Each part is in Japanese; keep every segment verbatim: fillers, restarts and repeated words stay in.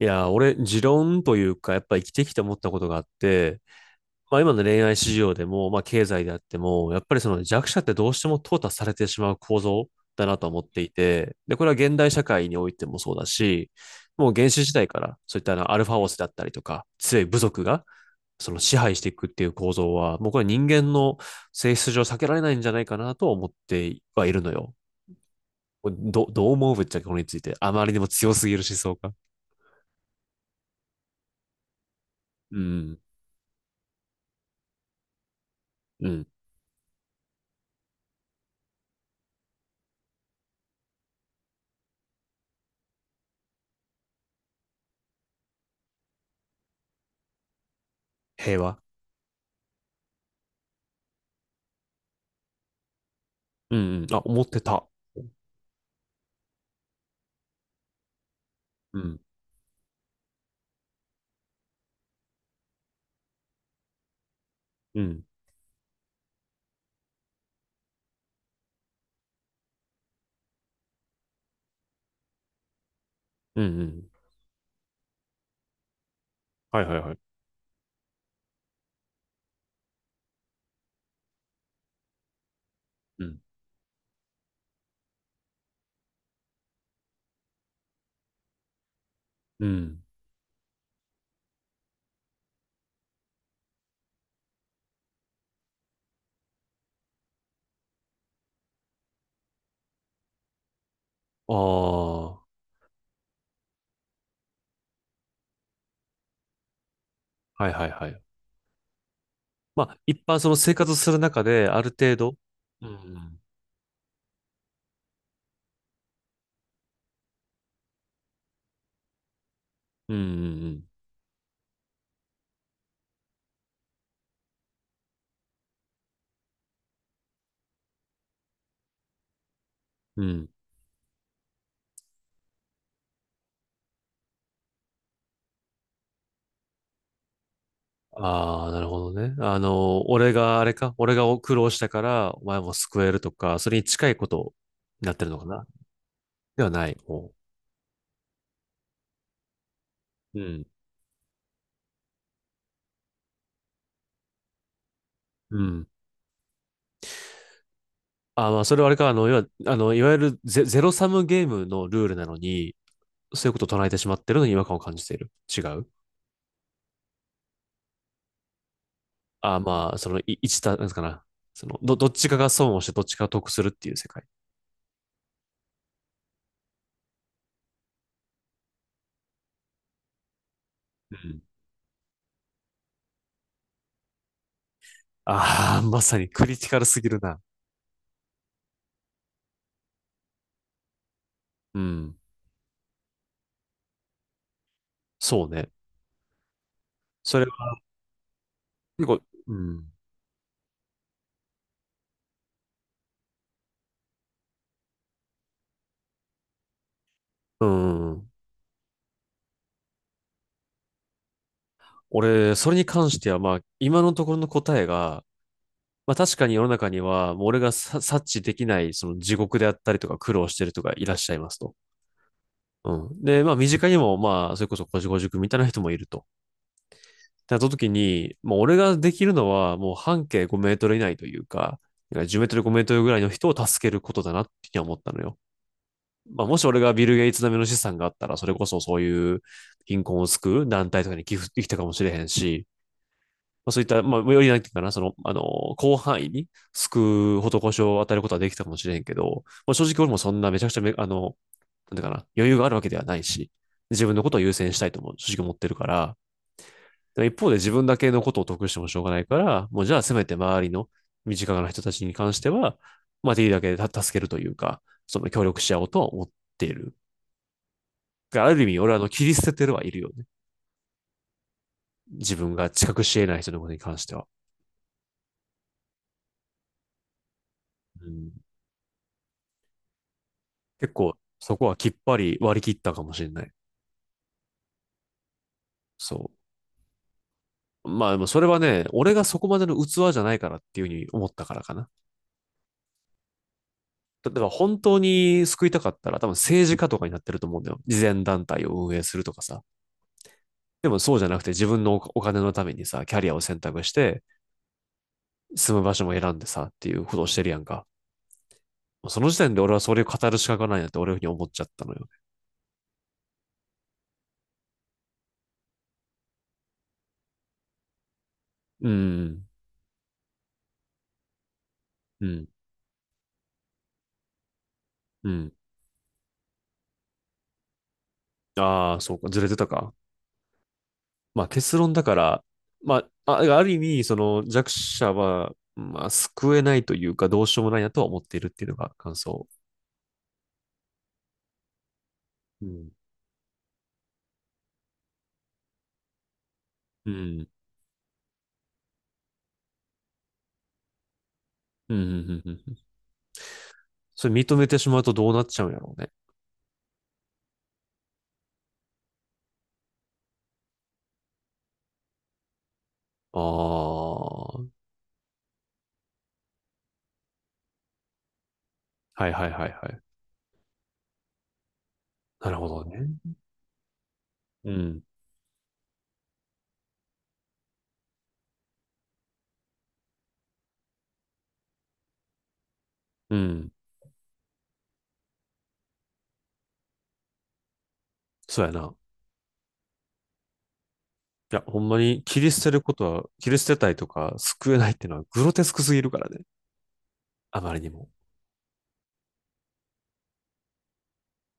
いや、俺、持論というか、やっぱ生きてきて思ったことがあって、まあ今の恋愛市場でも、まあ経済であっても、やっぱりその弱者ってどうしても淘汰されてしまう構造だなと思っていて、で、これは現代社会においてもそうだし、もう原始時代からそういったあのアルファオスだったりとか、強い部族がその支配していくっていう構造は、もうこれは人間の性質上避けられないんじゃないかなと思ってはいるのよ。ど、どう思うぶっちゃけこれについて。あまりにも強すぎる思想か。うん、うん、平和。うんうん。あ、思ってた。うん。うん。うんうん。はいはいはい。うん。うん。ああ。はいはいはい。まあ、一般その生活する中で、ある程度。うん。うんうんうん。うん。ああ、なるほどね。あの、俺があれか、俺が苦労したから、お前も救えるとか、それに近いことになってるのかな。ではない。ほう。うん。うん。あー、まあ、それはあれか、あの、要は、あの、いわゆるゼ、ゼロサムゲームのルールなのに、そういうことを唱えてしまってるのに違和感を感じている。違う。あ、まあ、その、い一た、なんですかな。その、ど、どっちかが損をしてどっちかが得するっていう世界。うん。ああ、まさにクリティカルすぎるな。うん。そうね。それは結構、うん。うん。俺、それに関しては、まあ、今のところの答えが、まあ確かに世の中には、もう俺がさ察知できない、その地獄であったりとか苦労してるとかいらっしゃいますと。うん。で、まあ身近にも、まあ、それこそこじこ塾みたいな人もいると。なった時に、もう俺ができるのは、もう半径ごメートル以内というか、じゅうメートルごメートルぐらいの人を助けることだなって思ったのよ。まあ、もし俺がビル・ゲイツ並みの資産があったら、それこそそういう貧困を救う団体とかに寄付できたかもしれへんし、まあ、そういった、まあ、よりなんていうかな、その、あの、広範囲に救う施しを与えることはできたかもしれへんけど、まあ、正直俺もそんなめちゃくちゃめ、あの、なんていうかな、余裕があるわけではないし、自分のことを優先したいとも正直思ってるから、一方で自分だけのことを得してもしょうがないから、もうじゃあせめて周りの身近な人たちに関しては、まあ、できるだけ助けるというか、その協力し合おうとは思っている。ある意味、俺はあの切り捨ててるはいるよね。自分が近くし得ない人のことに関しては。うん、結構、そこはきっぱり割り切ったかもしれない。そう。まあ、でもそれはね、俺がそこまでの器じゃないからっていうふうに思ったからかな。例えば本当に救いたかったら、多分政治家とかになってると思うんだよ。慈善団体を運営するとかさ。でもそうじゃなくて自分のお金のためにさ、キャリアを選択して、住む場所も選んでさ、っていうことをしてるやんか。その時点で俺はそれを語る資格がないなって俺ふうに思っちゃったのよ。うん、うん、うん。ああ、そうか、ずれてたか。まあ結論だから、まあ、あある意味、その弱者は、まあ、救えないというか、どうしようもないなとは思っているっていうのが感想。うん。うん。うん。うん。うん。それ認めてしまうとどうなっちゃうんやろうね。ああ。はいはいはいはい。なるほどね。うん。うん。そうやな。いや、ほんまに切り捨てることは、切り捨てたいとか救えないっていうのはグロテスクすぎるからね。あまりにも。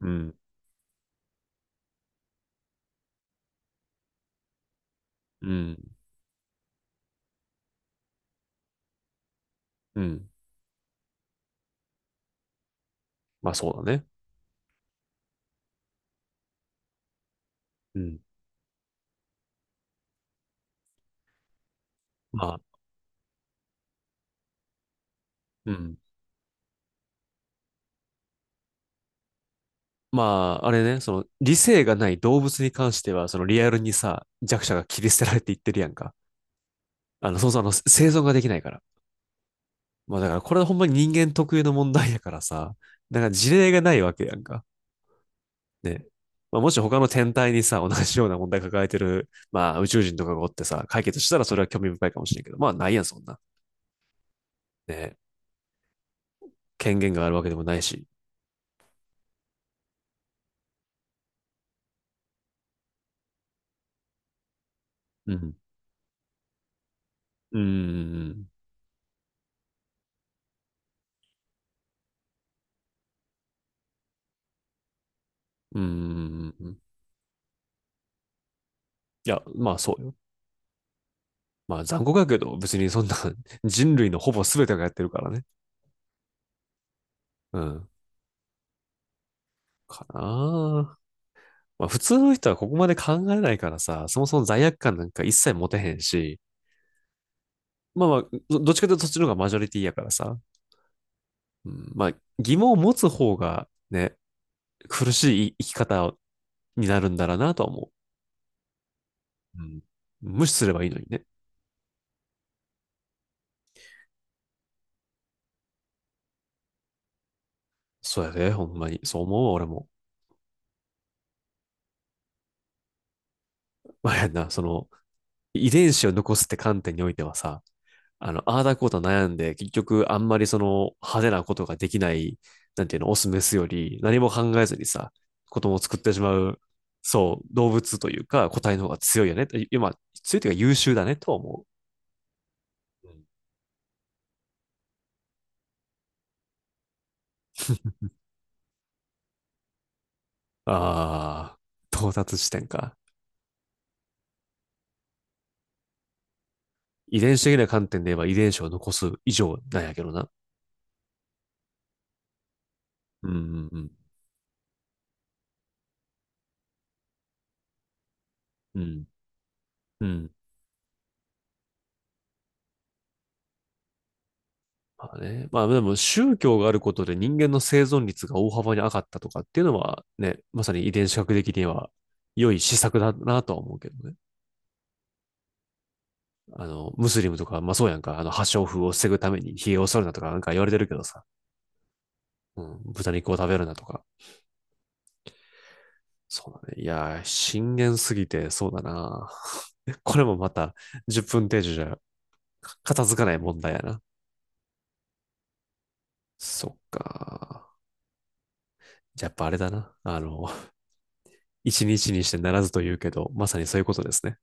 うん。うん。うん。まあそうだね。うん。まあ、うん。まあ、あれね、その理性がない動物に関しては、そのリアルにさ、弱者が切り捨てられていってるやんか。あの、そうそう、あの、生存ができないから。まあだからこれはほんまに人間特有の問題やからさ、だから事例がないわけやんか。ね。まあ、もし他の天体にさ、同じような問題抱えてる、まあ、宇宙人とかがおってさ、解決したらそれは興味深いかもしれんけど、まあ、ないやん、そんな。ね。権限があるわけでもないし。うん。うーん。うーん。いや、まあ、そうよ。まあ、残酷だけど、別にそんな 人類のほぼ全てがやってるからね。うん。かなぁ。まあ、普通の人はここまで考えないからさ、そもそも罪悪感なんか一切持てへんし、まあまあ、どどっちかというとそっちの方がマジョリティやからさ、うん、まあ、疑問を持つ方がね、苦しい生き方になるんだろうなとは思う。うん、無視すればいいのにね。そうやで、ほんまに。そう思うわ俺も。まあ、やんな、その、遺伝子を残すって観点においてはさ、あの、ああだこうと悩んで、結局あんまりその派手なことができない、なんていうの、オスメスより何も考えずにさ、子供を作ってしまう、そう、動物というか個体の方が強いよね。今、強いというか優秀だねとは思う。うん。ああ、到達地点か。遺伝子的な観点で言えば遺伝子を残す以上なんやけどな。うんうんうん。うんうん。まあね。まあでも宗教があることで人間の生存率が大幅に上がったとかっていうのはね、まさに遺伝子学的には良い施策だなとは思うけどね。あの、ムスリムとか、まあそうやんか、あの、破傷風を防ぐために髭を剃るなとかなんか言われてるけどさ。うん、豚肉を食べるなとか。そうだね。いやー、深淵すぎてそうだな。これもまたじゅっぷん程度じゃ片付かない問題やな。そっか。じゃあやっぱあれだな。あの、一日にしてならずと言うけど、まさにそういうことですね。